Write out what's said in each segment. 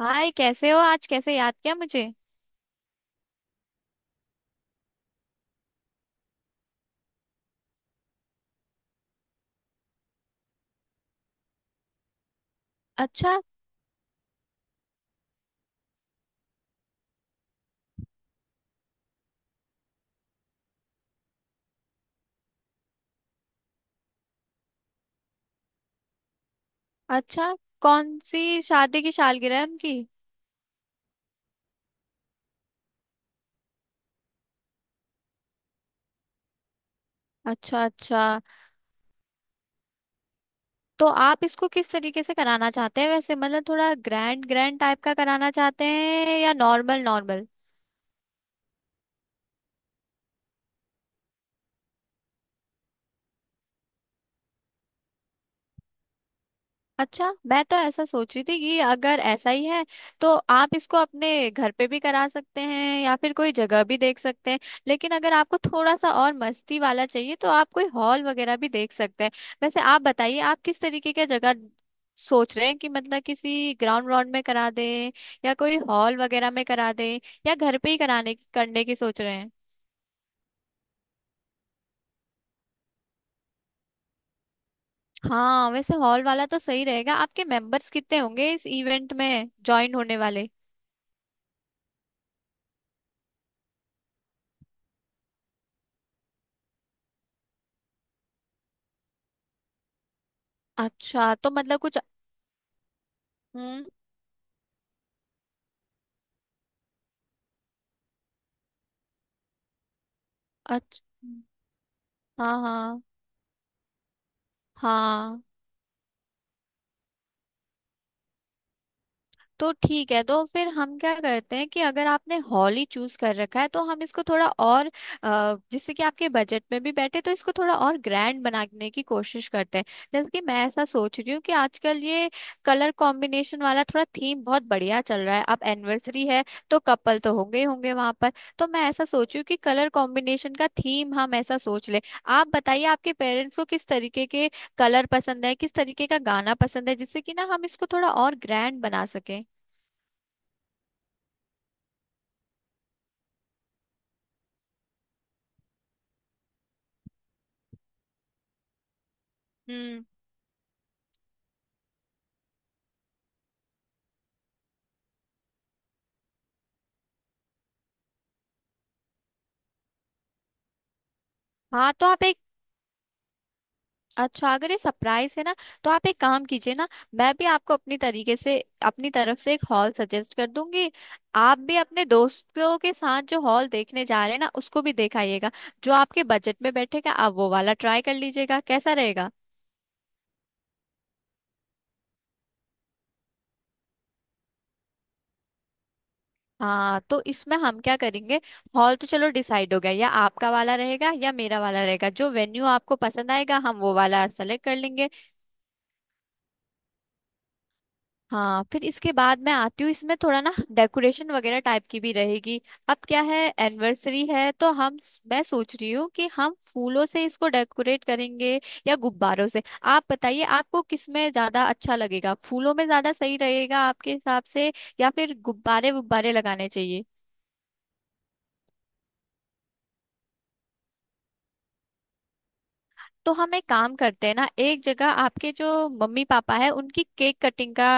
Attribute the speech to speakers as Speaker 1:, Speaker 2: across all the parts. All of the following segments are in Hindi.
Speaker 1: हाय। कैसे हो? आज कैसे याद किया मुझे? अच्छा, अच्छा। कौन सी शादी की सालगिरह है उनकी? अच्छा, अच्छा। तो आप इसको किस तरीके से कराना चाहते हैं? वैसे मतलब थोड़ा ग्रैंड ग्रैंड टाइप का कराना चाहते हैं या नॉर्मल नॉर्मल? अच्छा, मैं तो ऐसा सोच रही थी कि अगर ऐसा ही है तो आप इसको अपने घर पे भी करा सकते हैं या फिर कोई जगह भी देख सकते हैं। लेकिन अगर आपको थोड़ा सा और मस्ती वाला चाहिए तो आप कोई हॉल वगैरह भी देख सकते हैं। वैसे आप बताइए आप किस तरीके की जगह सोच रहे हैं कि मतलब किसी ग्राउंड व्राउंड में करा दें या कोई हॉल वगैरह में करा दें या घर पे ही कराने करने की सोच रहे हैं। हाँ, वैसे हॉल वाला तो सही रहेगा। आपके मेंबर्स कितने होंगे इस इवेंट में ज्वाइन होने वाले? अच्छा, तो मतलब कुछ। हम्म। अच्छा। हाँ, हाँ, हाँ। तो ठीक है, तो फिर हम क्या करते हैं कि अगर आपने हॉल ही चूज कर रखा है तो हम इसको थोड़ा और जिससे कि आपके बजट में भी बैठे तो इसको थोड़ा और ग्रैंड बनाने की कोशिश करते हैं। जैसे कि मैं ऐसा सोच रही हूँ कि आजकल ये कलर कॉम्बिनेशन वाला थोड़ा थीम बहुत बढ़िया चल रहा है। अब एनिवर्सरी है तो कपल तो होंगे ही होंगे वहां पर। तो मैं ऐसा सोच रही हूँ कि कलर कॉम्बिनेशन का थीम हम ऐसा सोच ले। आप बताइए आपके पेरेंट्स को किस तरीके के कलर पसंद है, किस तरीके का गाना पसंद है, जिससे कि ना हम इसको थोड़ा और ग्रैंड बना सकें। हम्म। हाँ, तो आप एक। अच्छा, अगर ये सरप्राइज है ना तो आप एक काम कीजिए ना। मैं भी आपको अपनी तरीके से अपनी तरफ से एक हॉल सजेस्ट कर दूंगी। आप भी अपने दोस्तों के साथ जो हॉल देखने जा रहे हैं ना उसको भी दिखाइएगा। जो आपके बजट में बैठेगा आप वो वाला ट्राई कर लीजिएगा, कैसा रहेगा? हाँ, तो इसमें हम क्या करेंगे। हॉल तो चलो डिसाइड हो गया, या आपका वाला रहेगा या मेरा वाला रहेगा, जो वेन्यू आपको पसंद आएगा हम वो वाला सेलेक्ट कर लेंगे। हाँ, फिर इसके बाद मैं आती हूँ, इसमें थोड़ा ना डेकोरेशन वगैरह टाइप की भी रहेगी। अब क्या है, एनिवर्सरी है तो हम, मैं सोच रही हूँ कि हम फूलों से इसको डेकोरेट करेंगे या गुब्बारों से। आप बताइए आपको किस में ज्यादा अच्छा लगेगा, फूलों में ज्यादा सही रहेगा आपके हिसाब से या फिर गुब्बारे गुब्बारे लगाने चाहिए? तो हम एक काम करते हैं ना, एक जगह आपके जो मम्मी पापा है उनकी केक कटिंग का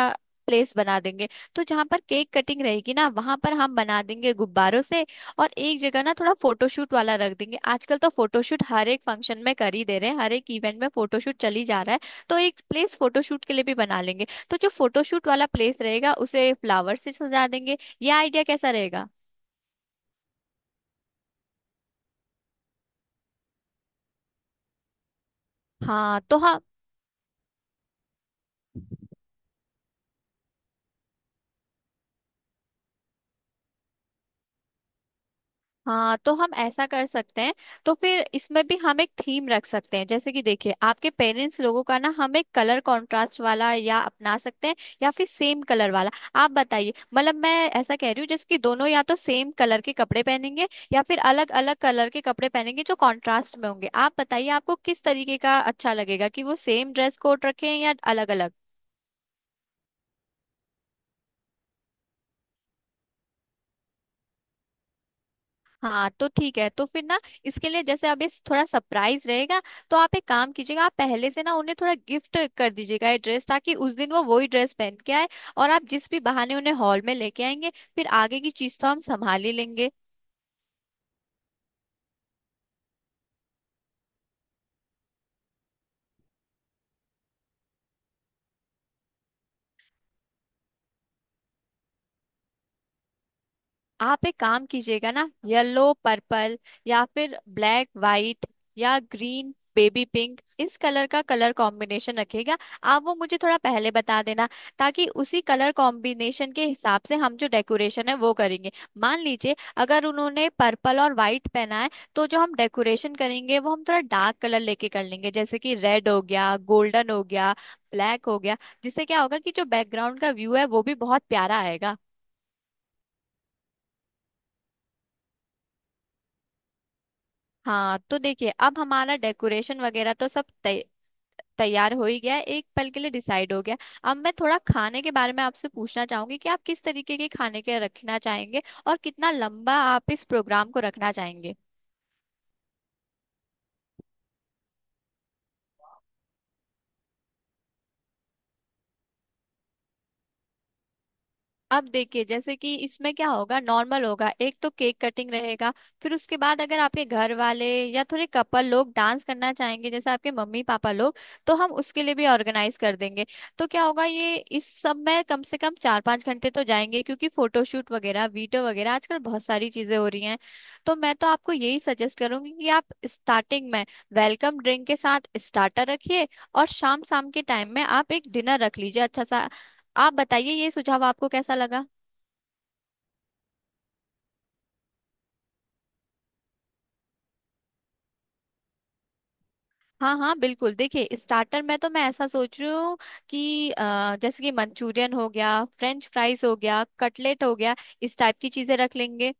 Speaker 1: प्लेस बना देंगे। तो जहां पर केक कटिंग रहेगी ना वहां पर हम बना देंगे गुब्बारों से। और एक जगह ना थोड़ा फोटोशूट वाला रख देंगे। आजकल तो फोटोशूट हर एक फंक्शन में कर ही दे रहे हैं, हर एक इवेंट में फोटोशूट चली जा रहा है। तो एक प्लेस फोटोशूट के लिए भी बना लेंगे तो जो फोटोशूट वाला प्लेस रहेगा उसे फ्लावर से सजा देंगे। ये आइडिया कैसा रहेगा? हाँ तो हाँ। हाँ, तो हम ऐसा कर सकते हैं। तो फिर इसमें भी हम एक थीम रख सकते हैं। जैसे कि देखिए आपके पेरेंट्स लोगों का ना हम एक कलर कंट्रास्ट वाला या अपना सकते हैं, या फिर सेम कलर वाला। आप बताइए, मतलब मैं ऐसा कह रही हूँ जैसे कि दोनों या तो सेम कलर के कपड़े पहनेंगे या फिर अलग अलग कलर के कपड़े पहनेंगे जो कॉन्ट्रास्ट में होंगे। आप बताइए आपको किस तरीके का अच्छा लगेगा कि वो सेम ड्रेस कोड रखें या अलग अलग? हाँ, तो ठीक है। तो फिर ना इसके लिए, जैसे अब ये थोड़ा सरप्राइज रहेगा तो आप एक काम कीजिएगा, आप पहले से ना उन्हें थोड़ा गिफ्ट कर दीजिएगा ये ड्रेस, ताकि उस दिन वो वही ड्रेस पहन के आए। और आप जिस भी बहाने उन्हें हॉल में लेके आएंगे, फिर आगे की चीज तो हम संभाल ही लेंगे। आप एक काम कीजिएगा ना, येलो पर्पल या फिर ब्लैक वाइट या ग्रीन बेबी पिंक, इस कलर का कलर कॉम्बिनेशन रखिएगा। आप वो मुझे थोड़ा पहले बता देना, ताकि उसी कलर कॉम्बिनेशन के हिसाब से हम जो डेकोरेशन है वो करेंगे। मान लीजिए अगर उन्होंने पर्पल और वाइट पहना है तो जो हम डेकोरेशन करेंगे वो हम थोड़ा डार्क कलर लेके कर लेंगे, जैसे कि रेड हो गया, गोल्डन हो गया, ब्लैक हो गया। जिससे क्या होगा कि जो बैकग्राउंड का व्यू है वो भी बहुत प्यारा आएगा। हाँ, तो देखिए अब हमारा डेकोरेशन वगैरह तो सब तैयार हो ही गया है, एक पल के लिए डिसाइड हो गया। अब मैं थोड़ा खाने के बारे में आपसे पूछना चाहूंगी कि आप किस तरीके के खाने के रखना चाहेंगे और कितना लंबा आप इस प्रोग्राम को रखना चाहेंगे। अब देखिए जैसे कि इसमें क्या होगा, नॉर्मल होगा। एक तो केक कटिंग रहेगा, फिर उसके बाद अगर आपके घर वाले या थोड़े कपल लोग डांस करना चाहेंगे जैसे आपके मम्मी पापा लोग, तो हम उसके लिए भी ऑर्गेनाइज कर देंगे। तो क्या होगा ये इस सब में कम से कम 4-5 घंटे तो जाएंगे क्योंकि फोटोशूट वगैरह वीडियो वगैरह आजकल बहुत सारी चीजें हो रही हैं। तो मैं तो आपको यही सजेस्ट करूंगी कि आप स्टार्टिंग में वेलकम ड्रिंक के साथ स्टार्टर रखिए, और शाम शाम के टाइम में आप एक डिनर रख लीजिए अच्छा सा। आप बताइए ये सुझाव आपको कैसा लगा? हाँ, हाँ, बिल्कुल। देखिए स्टार्टर में तो मैं ऐसा सोच रही हूँ कि जैसे कि मंचूरियन हो गया, फ्रेंच फ्राइज हो गया, कटलेट हो गया, इस टाइप की चीजें रख लेंगे।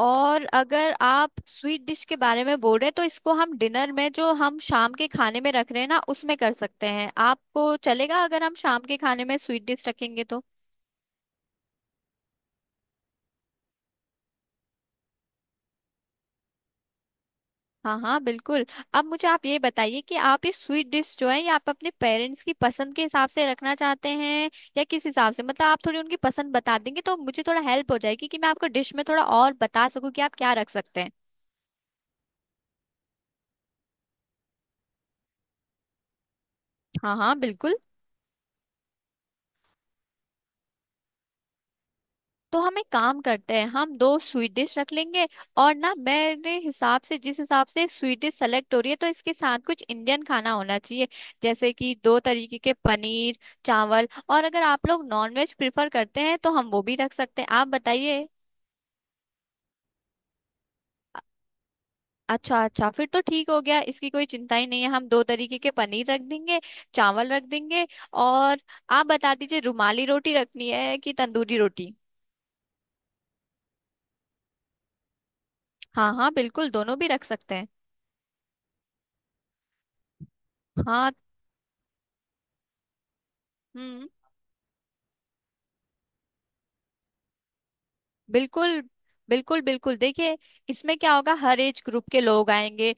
Speaker 1: और अगर आप स्वीट डिश के बारे में बोल रहे हैं तो इसको हम डिनर में जो हम शाम के खाने में रख रहे हैं ना उसमें कर सकते हैं। आपको चलेगा अगर हम शाम के खाने में स्वीट डिश रखेंगे तो? हाँ, हाँ, बिल्कुल। अब मुझे आप ये बताइए कि आप ये स्वीट डिश जो है ये आप अपने पेरेंट्स की पसंद के हिसाब से रखना चाहते हैं या किस हिसाब से? मतलब आप थोड़ी उनकी पसंद बता देंगे तो मुझे थोड़ा हेल्प हो जाएगी कि मैं आपको डिश में थोड़ा और बता सकूँ कि आप क्या रख सकते हैं। हाँ, हाँ, बिल्कुल। तो हम एक काम करते हैं, हम दो स्वीट डिश रख लेंगे। और ना, मेरे हिसाब से जिस हिसाब से स्वीट डिश सेलेक्ट हो रही है तो इसके साथ कुछ इंडियन खाना होना चाहिए, जैसे कि दो तरीके के पनीर, चावल। और अगर आप लोग नॉनवेज प्रिफर करते हैं तो हम वो भी रख सकते हैं, आप बताइए। अ- अच्छा, अच्छा। फिर तो ठीक हो गया, इसकी कोई चिंता ही नहीं है। हम दो तरीके के पनीर रख देंगे, चावल रख देंगे और आप बता दीजिए रुमाली रोटी रखनी है कि तंदूरी रोटी? हाँ, हाँ, बिल्कुल, दोनों भी रख सकते हैं। हाँ। हम्म। बिल्कुल, बिल्कुल, बिल्कुल। देखिए इसमें क्या होगा, हर एज ग्रुप के लोग आएंगे,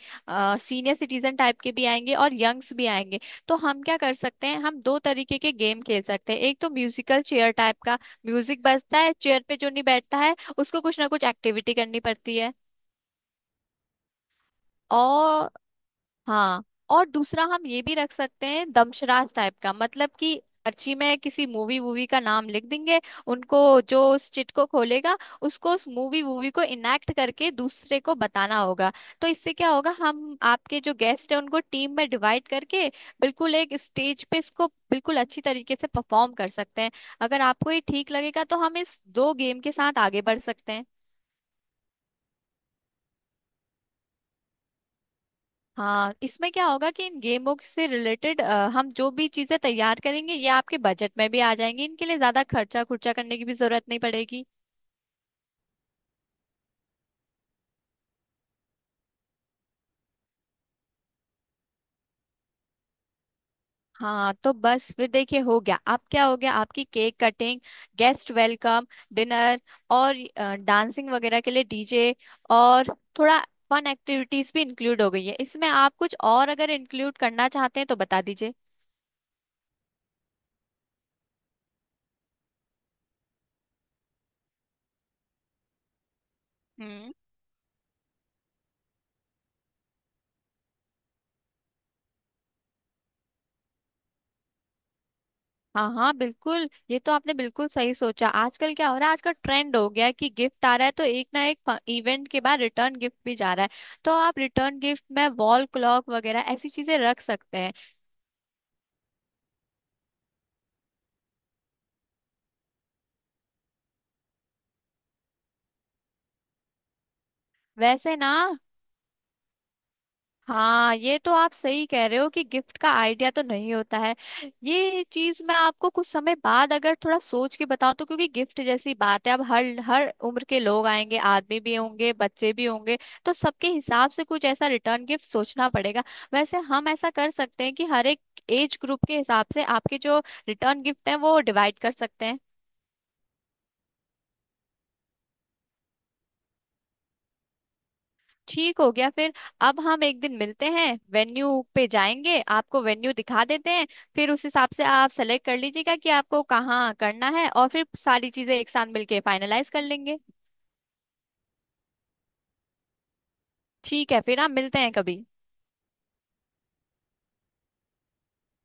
Speaker 1: सीनियर सिटीजन टाइप के भी आएंगे और यंग्स भी आएंगे। तो हम क्या कर सकते हैं, हम दो तरीके के गेम खेल सकते हैं। एक तो म्यूजिकल चेयर टाइप का, म्यूजिक बजता है, चेयर पे जो नहीं बैठता है उसको कुछ ना कुछ एक्टिविटी करनी पड़ती है। हाँ, और दूसरा हम ये भी रख सकते हैं, दमशराज टाइप का, मतलब कि पर्ची में किसी मूवी वूवी का नाम लिख देंगे उनको, जो उस चिट को खोलेगा उसको उस मूवी वूवी को इनेक्ट करके दूसरे को बताना होगा। तो इससे क्या होगा, हम आपके जो गेस्ट है उनको टीम में डिवाइड करके बिल्कुल एक स्टेज पे इसको बिल्कुल अच्छी तरीके से परफॉर्म कर सकते हैं। अगर आपको ये ठीक लगेगा तो हम इस दो गेम के साथ आगे बढ़ सकते हैं। हाँ, इसमें क्या होगा कि इन गेमों से रिलेटेड हम जो भी चीजें तैयार करेंगे ये आपके बजट में भी आ जाएंगी, इनके लिए ज्यादा खर्चा खुर्चा करने की भी जरूरत नहीं पड़ेगी। हाँ, तो बस फिर देखिए हो गया। अब क्या हो गया, आपकी cake cutting, guest welcome, dinner और डांसिंग वगैरह के लिए डीजे और थोड़ा फन एक्टिविटीज भी इंक्लूड हो गई है। इसमें आप कुछ और अगर इंक्लूड करना चाहते हैं तो बता दीजिए। हाँ, हाँ, बिल्कुल। ये तो आपने बिल्कुल सही सोचा। आजकल क्या हो रहा है, आजकल ट्रेंड हो गया है कि गिफ्ट आ रहा है तो एक ना एक इवेंट के बाद रिटर्न गिफ्ट भी जा रहा है। तो आप रिटर्न गिफ्ट में वॉल क्लॉक वगैरह ऐसी चीजें रख सकते हैं। वैसे ना, हाँ, ये तो आप सही कह रहे हो कि गिफ्ट का आइडिया तो नहीं होता है। ये चीज मैं आपको कुछ समय बाद अगर थोड़ा सोच के बताऊं, तो क्योंकि गिफ्ट जैसी बात है, अब हर हर उम्र के लोग आएंगे, आदमी भी होंगे, बच्चे भी होंगे। तो सबके हिसाब से कुछ ऐसा रिटर्न गिफ्ट सोचना पड़ेगा। वैसे हम ऐसा कर सकते हैं कि हर एक एज ग्रुप के हिसाब से आपके जो रिटर्न गिफ्ट है वो डिवाइड कर सकते हैं। ठीक हो गया फिर। अब हम एक दिन मिलते हैं, वेन्यू पे जाएंगे, आपको वेन्यू दिखा देते हैं। फिर उस हिसाब से आप सेलेक्ट कर लीजिएगा कि आपको कहाँ करना है और फिर सारी चीजें एक साथ मिलके फाइनलाइज कर लेंगे। ठीक है, फिर हम मिलते हैं कभी।